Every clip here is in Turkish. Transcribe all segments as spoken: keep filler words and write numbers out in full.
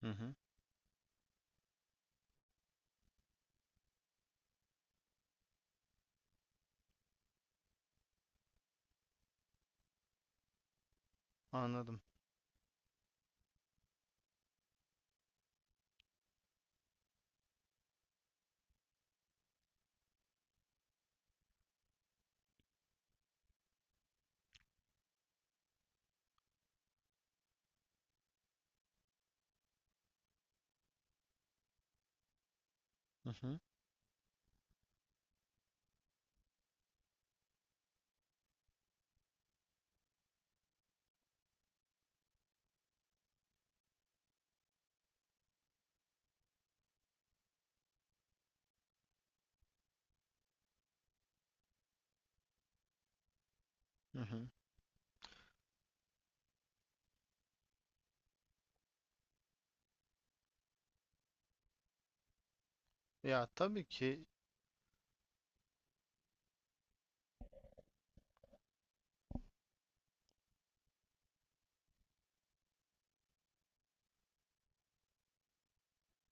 Hı hı. Anladım. Hı hı. Hı hı. Ya, tabii ki.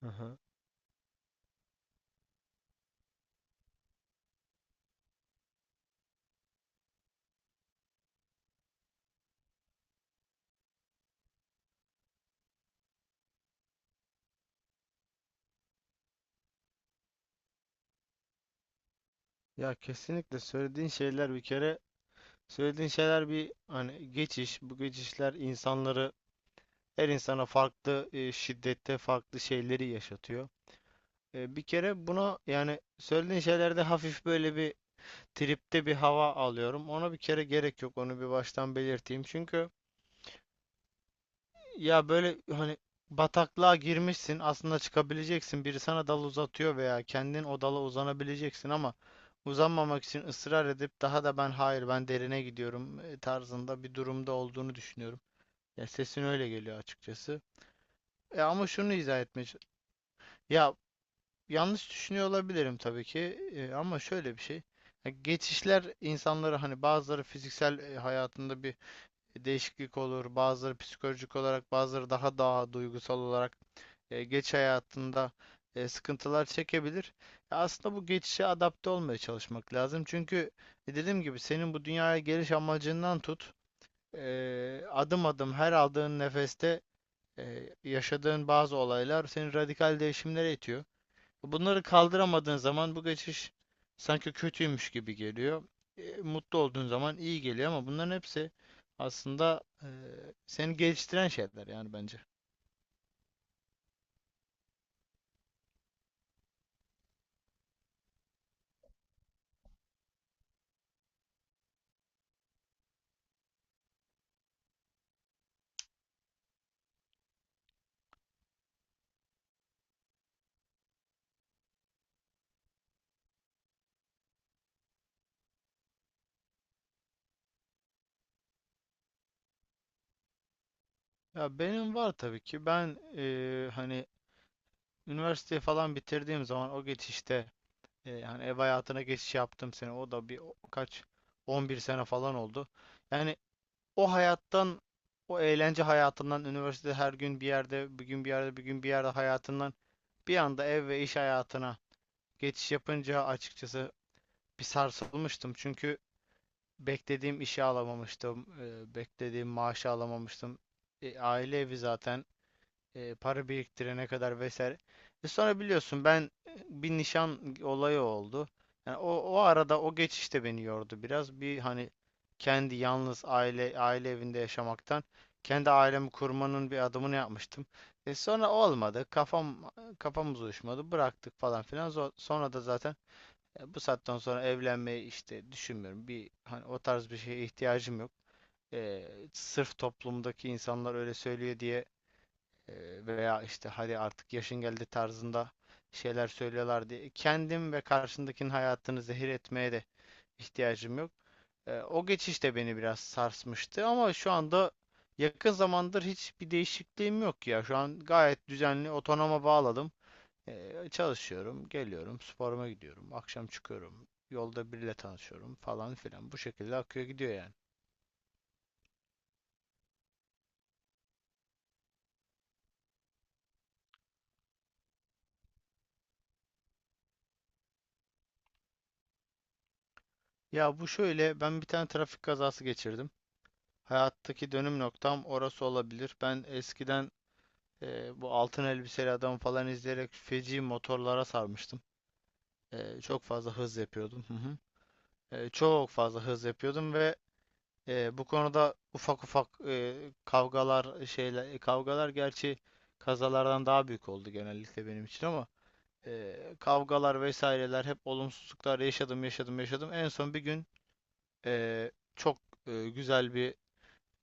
Aha. Ya kesinlikle söylediğin şeyler bir kere, söylediğin şeyler bir hani geçiş, bu geçişler insanları, her insana farklı e, şiddette farklı şeyleri yaşatıyor. E, bir kere buna, yani söylediğin şeylerde hafif böyle bir tripte bir hava alıyorum. Ona bir kere gerek yok, onu bir baştan belirteyim. Çünkü ya böyle hani bataklığa girmişsin, aslında çıkabileceksin, biri sana dal uzatıyor veya kendin o dala uzanabileceksin ama uzanmamak için ısrar edip daha da ben hayır ben derine gidiyorum e, tarzında bir durumda olduğunu düşünüyorum. Ya sesin öyle geliyor açıkçası. E ama şunu izah etmeye ç- Ya, yanlış düşünüyor olabilirim tabii ki, e, ama şöyle bir şey. Ya geçişler insanları hani bazıları fiziksel e, hayatında bir değişiklik olur. Bazıları psikolojik olarak, bazıları daha daha duygusal olarak e, geç hayatında e, sıkıntılar çekebilir. E, Aslında bu geçişe adapte olmaya çalışmak lazım. Çünkü e, dediğim gibi senin bu dünyaya geliş amacından tut, e, adım adım her aldığın nefeste e, yaşadığın bazı olaylar seni radikal değişimlere itiyor. Bunları kaldıramadığın zaman bu geçiş sanki kötüymüş gibi geliyor. E, mutlu olduğun zaman iyi geliyor ama bunların hepsi aslında e, seni geliştiren şeyler yani, bence. Ya benim var tabii ki. Ben, e, hani üniversiteyi falan bitirdiğim zaman o geçişte, e, yani ev hayatına geçiş yaptım sene. O da bir o- kaç on bir sene falan oldu. Yani o hayattan, o eğlence hayatından, üniversite her gün bir yerde, bir gün bir yerde, bir gün bir yerde hayatından bir anda ev ve iş hayatına geçiş yapınca açıkçası bir sarsılmıştım. Çünkü beklediğim işi alamamıştım, e, beklediğim maaşı alamamıştım. E, aile evi zaten, e, para biriktirene kadar vesaire. E, sonra biliyorsun ben, e, bir nişan olayı oldu. Yani o, o arada o geçiş de beni yordu biraz. Bir hani kendi yalnız aile aile evinde yaşamaktan kendi ailemi kurmanın bir adımını yapmıştım. E sonra olmadı. Kafam kafamız uyuşmadı. Bıraktık falan filan. Zo- Sonra da zaten, ya, bu saatten sonra evlenmeyi işte düşünmüyorum. Bir hani o tarz bir şeye ihtiyacım yok. Eee, sırf toplumdaki insanlar öyle söylüyor diye, eee, veya işte hadi artık yaşın geldi tarzında şeyler söylüyorlar diye, kendim ve karşındakinin hayatını zehir etmeye de ihtiyacım yok. Eee, o geçiş de beni biraz sarsmıştı ama şu anda, yakın zamandır hiçbir değişikliğim yok ya. Şu an gayet düzenli otonoma bağladım. Ee, çalışıyorum, geliyorum, sporuma gidiyorum, akşam çıkıyorum, yolda biriyle tanışıyorum falan filan. Bu şekilde akıyor gidiyor yani. Ya bu şöyle, ben bir tane trafik kazası geçirdim. Hayattaki dönüm noktam orası olabilir. Ben eskiden, e, bu altın elbiseli adam falan izleyerek feci motorlara sarmıştım. E, çok fazla hız yapıyordum. Hı hı. E, çok fazla hız yapıyordum ve e, bu konuda ufak ufak, e, kavgalar şeyler e, kavgalar, gerçi kazalardan daha büyük oldu genellikle benim için, ama e, kavgalar vesaireler, hep olumsuzluklar yaşadım yaşadım yaşadım. En son bir gün e, çok e, güzel bir,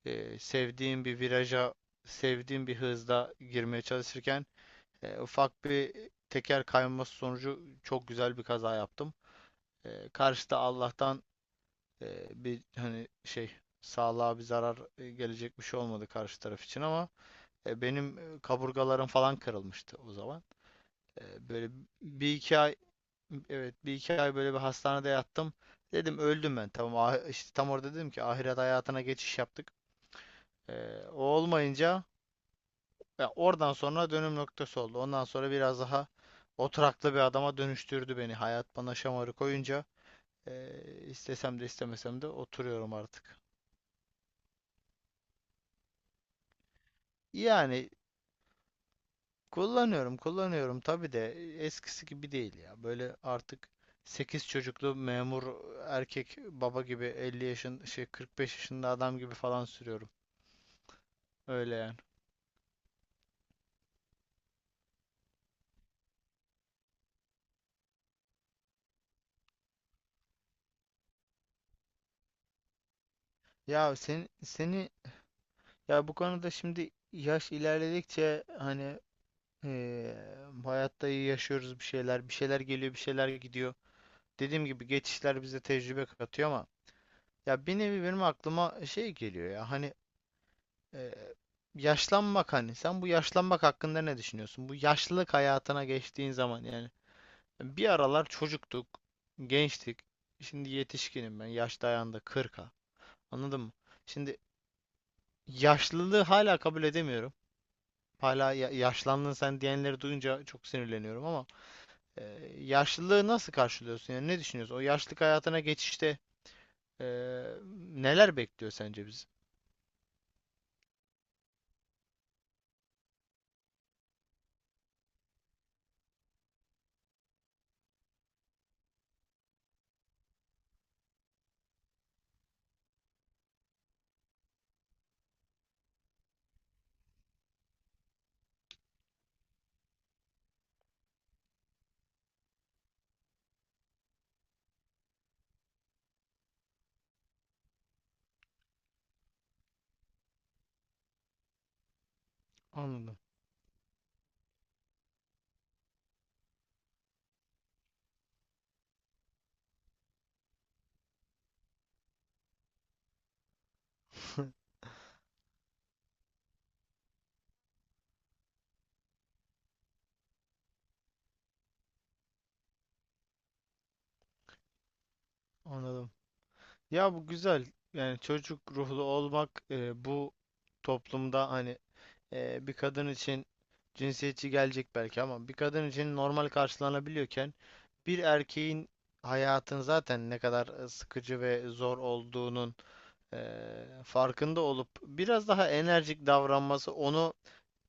e, sevdiğim bir viraja sevdiğim bir hızda girmeye çalışırken e, ufak bir teker kayması sonucu çok güzel bir kaza yaptım. E, karşıda Allah'tan e, bir hani şey sağlığa bir zarar e, gelecek bir şey olmadı karşı taraf için, ama e, benim e, kaburgalarım falan kırılmıştı o zaman. E, böyle bir iki ay Evet, bir iki ay böyle bir hastanede yattım. Dedim öldüm ben. Tamam, ah- işte tam orada dedim ki ahiret hayatına geçiş yaptık. Ee, o olmayınca, ya, oradan sonra dönüm noktası oldu. Ondan sonra biraz daha oturaklı bir adama dönüştürdü beni. Hayat bana şamarı koyunca ee, istesem de istemesem de oturuyorum artık. Yani kullanıyorum kullanıyorum tabii de, eskisi gibi değil ya. Böyle artık sekiz çocuklu memur erkek baba gibi, elli yaşın şey kırk beş yaşında adam gibi falan sürüyorum. Öyle yani. Ya sen seni Ya bu konuda şimdi yaş ilerledikçe hani, eee hayatta iyi yaşıyoruz, bir şeyler, bir şeyler geliyor, bir şeyler gidiyor. Dediğim gibi geçişler bize tecrübe katıyor ama, ya, bir nevi benim aklıma şey geliyor ya, hani eee, yaşlanmak, hani sen bu yaşlanmak hakkında ne düşünüyorsun? Bu yaşlılık hayatına geçtiğin zaman yani, bir aralar çocuktuk, gençtik. Şimdi yetişkinim ben. Yaş dayandı kırka. Anladın mı? Şimdi yaşlılığı hala kabul edemiyorum. Hala ya- yaşlandın sen diyenleri duyunca çok sinirleniyorum ama, e, yaşlılığı nasıl karşılıyorsun? Yani ne düşünüyorsun? O yaşlılık hayatına geçişte e, neler bekliyor sence bizi? Anladım. Anladım. Ya bu güzel. Yani çocuk ruhlu olmak, e, bu toplumda hani, e, bir kadın için cinsiyetçi gelecek belki, ama bir kadın için normal karşılanabiliyorken, bir erkeğin hayatın zaten ne kadar e, sıkıcı ve zor olduğunun e, farkında olup biraz daha enerjik davranması onu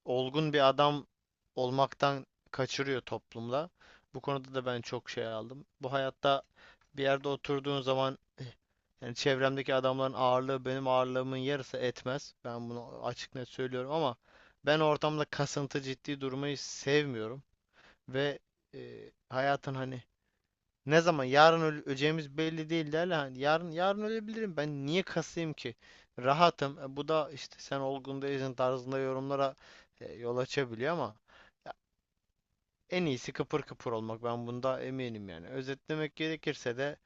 olgun bir adam olmaktan kaçırıyor toplumda. Bu konuda da ben çok şey aldım. Bu hayatta bir yerde oturduğun zaman, e, yani çevremdeki adamların ağırlığı benim ağırlığımın yarısı etmez. Ben bunu açık net söylüyorum ama ben ortamda kasıntı ciddi durmayı sevmiyorum. Ve e, hayatın hani, ne zaman yarın öleceğimiz belli değil derler. Hani yarın, yarın ölebilirim. Ben niye kasayım ki? Rahatım. E, bu da işte sen olgun değilsin tarzında yorumlara e, yol açabiliyor ama, ya, en iyisi kıpır kıpır olmak. Ben bunda eminim yani. Özetlemek gerekirse de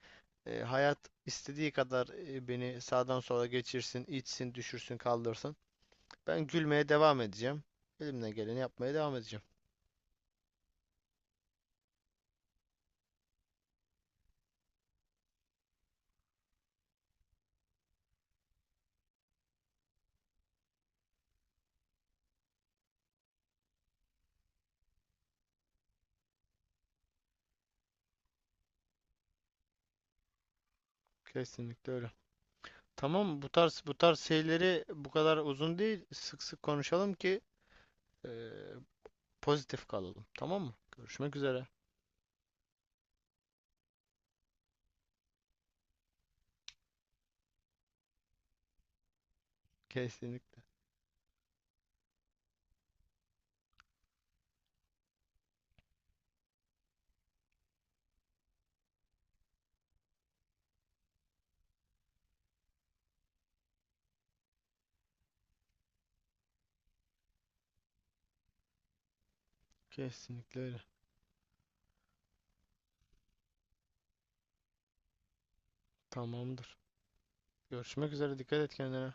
e, hayat istediği kadar e, beni sağdan sola geçirsin, itsin, düşürsün, kaldırsın. Ben gülmeye devam edeceğim. Elimden geleni yapmaya devam edeceğim. Kesinlikle öyle. Tamam, bu tarz bu tarz şeyleri bu kadar uzun değil, sık sık konuşalım ki e, pozitif kalalım. Tamam mı? Görüşmek üzere. Kesinlikle. Kesinlikle öyle. Tamamdır. Görüşmek üzere. Dikkat et kendine.